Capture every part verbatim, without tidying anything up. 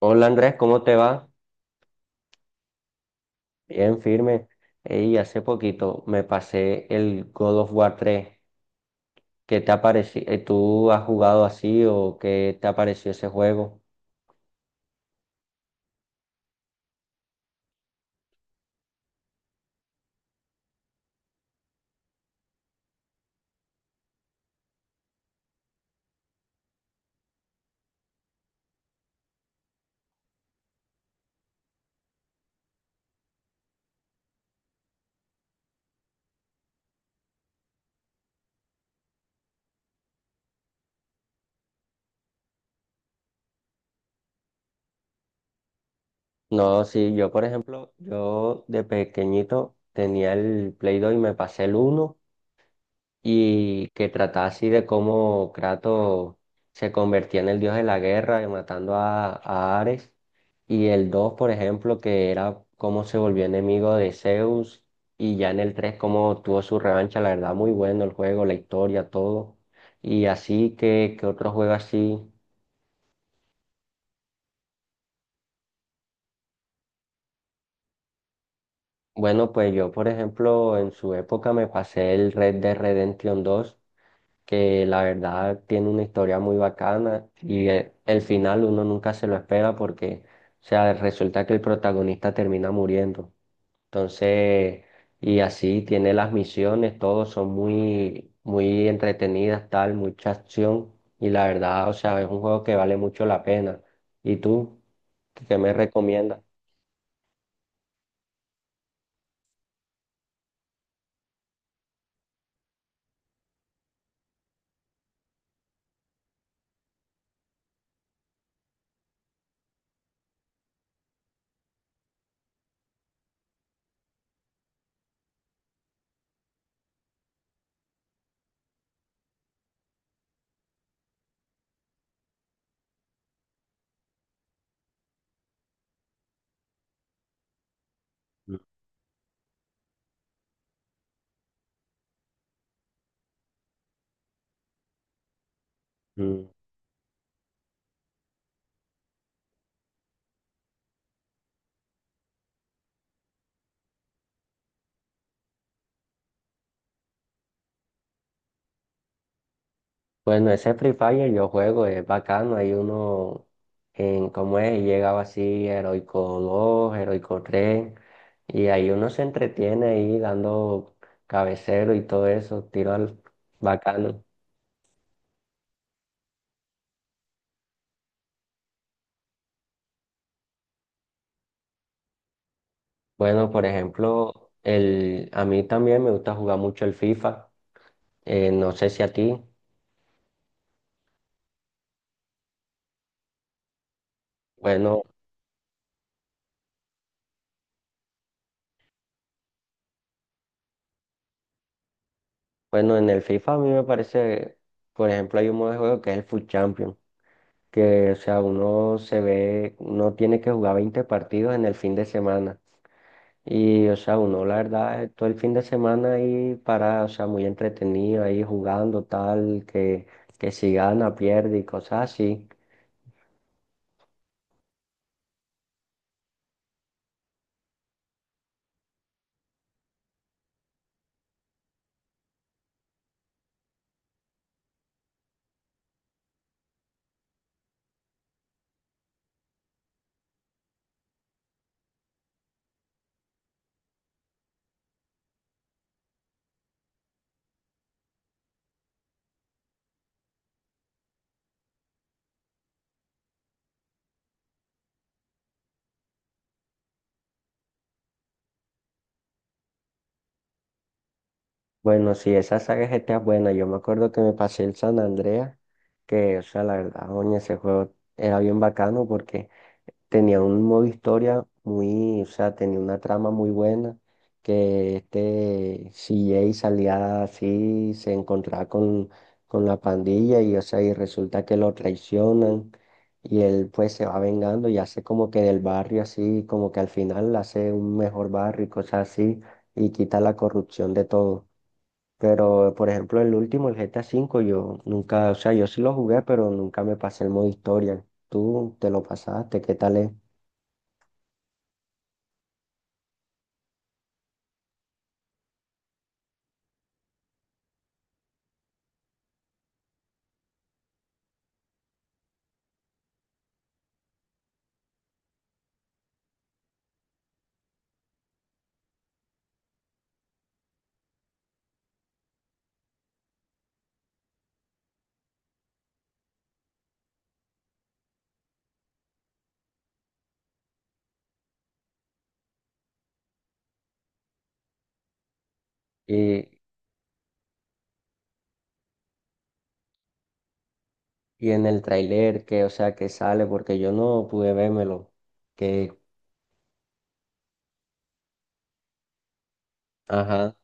Hola Andrés, ¿cómo te va? Bien, firme. Y hace poquito me pasé el God of War tres. ¿Qué te ha parecido? ¿Tú has jugado así o qué te ha parecido ese juego? No, sí, yo por ejemplo, yo de pequeñito tenía el Play dos y me pasé el uno, y que trataba así de cómo Kratos se convertía en el dios de la guerra, y matando a, a Ares, y el dos por ejemplo, que era cómo se volvió enemigo de Zeus, y ya en el tres cómo tuvo su revancha. La verdad muy bueno el juego, la historia, todo, y así que, que otro juego así. Bueno, pues yo, por ejemplo, en su época me pasé el Red Dead Redemption dos, que la verdad tiene una historia muy bacana y eh, el final uno nunca se lo espera porque, o sea, resulta que el protagonista termina muriendo. Entonces, y así tiene las misiones, todos son muy, muy entretenidas, tal, mucha acción, y la verdad, o sea, es un juego que vale mucho la pena. ¿Y tú? ¿Qué me recomiendas? Mm. Bueno, ese Free Fire yo juego, es bacano. Hay uno, en cómo es, y llegaba así, Heroico dos, Heroico tres, y ahí uno se entretiene ahí dando cabecero y todo eso, tiro al bacano. Bueno, por ejemplo, el, a mí también me gusta jugar mucho el FIFA. Eh, no sé si a ti. Bueno, bueno, en el FIFA a mí me parece, por ejemplo, hay un modo de juego que es el Foot Champion, que, o sea, uno se ve, uno tiene que jugar veinte partidos en el fin de semana. Y, o sea, uno, la verdad, eh, todo el fin de semana ahí para, o sea, muy entretenido, ahí jugando tal, que, que si gana, pierde y cosas así. Bueno, sí, esa saga de G T A es buena. Yo me acuerdo que me pasé el San Andreas, que, o sea, la verdad, oye, ese juego era bien bacano porque tenía un modo historia muy, o sea, tenía una trama muy buena, que este C J salía así, se encontraba con, con la pandilla y, o sea, y resulta que lo traicionan, y él pues se va vengando y hace como que del barrio así, como que al final hace un mejor barrio y cosas así, y quita la corrupción de todo. Pero, por ejemplo, el último, el G T A V, yo nunca, o sea, yo sí lo jugué, pero nunca me pasé el modo historia. ¿Tú te lo pasaste? ¿Qué tal es? Y, y en el tráiler que, o sea, que sale, porque yo no pude vérmelo, que, ajá,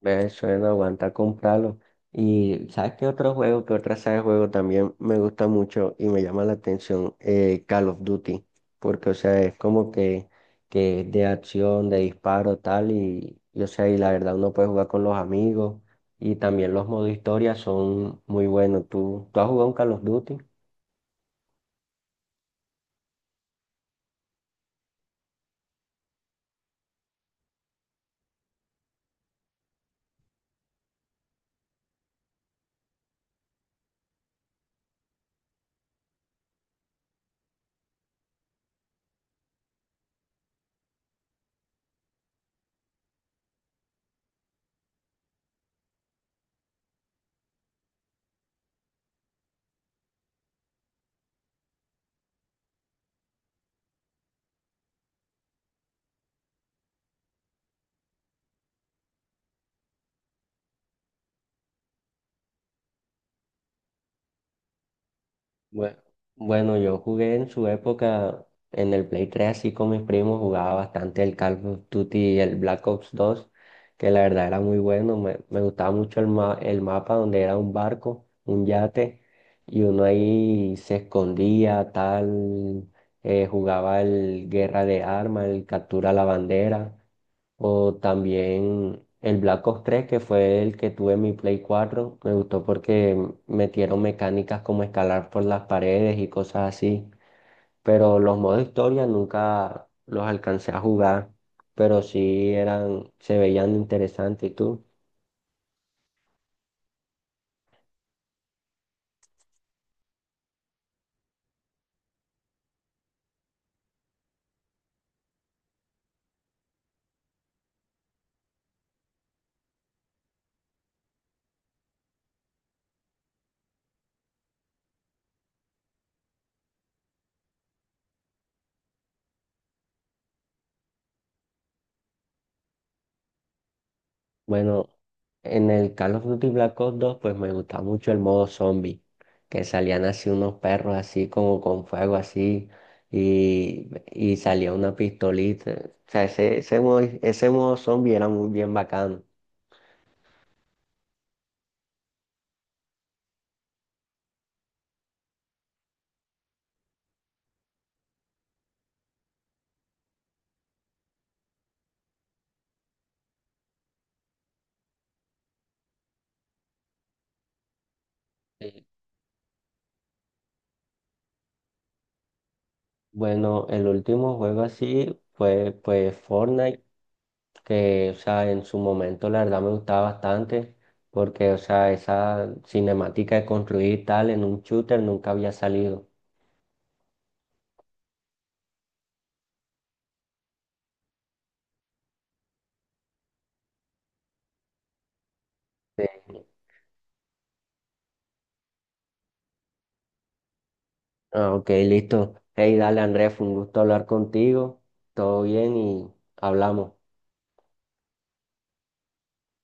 ve, eso no aguanta comprarlo. Y, ¿sabes qué otro juego, qué otra saga de juego también me gusta mucho y me llama la atención? Eh, Call of Duty, porque, o sea, es como que, que es de acción, de disparo, tal, y, y, o sea, y la verdad uno puede jugar con los amigos, y también los modos historia son muy buenos. ¿Tú, tú has jugado un Call of Duty? Bue- Bueno, yo jugué en su época en el Play tres así con mis primos, jugaba bastante el Call of Duty y el Black Ops dos, que la verdad era muy bueno. Me, me gustaba mucho el, ma- el mapa donde era un barco, un yate, y uno ahí se escondía, tal. Eh, jugaba el Guerra de Armas, el Captura la Bandera, o también el Black Ops tres, que fue el que tuve en mi Play cuatro. Me gustó porque metieron mecánicas como escalar por las paredes y cosas así. Pero los modos historia nunca los alcancé a jugar. Pero sí eran, se veían interesantes. ¿Y tú? Bueno, en el Call of Duty Black Ops dos pues me gustaba mucho el modo zombie, que salían así unos perros así como con fuego así, y, y salía una pistolita. O sea, ese, ese modo, ese modo zombie era muy bien bacano. Sí. Bueno, el último juego así fue pues Fortnite, que o sea, en su momento la verdad me gustaba bastante, porque o sea, esa cinemática de construir y tal en un shooter nunca había salido. Ah, ok, listo. Hey, dale Andrés, fue un gusto hablar contigo. Todo bien y hablamos.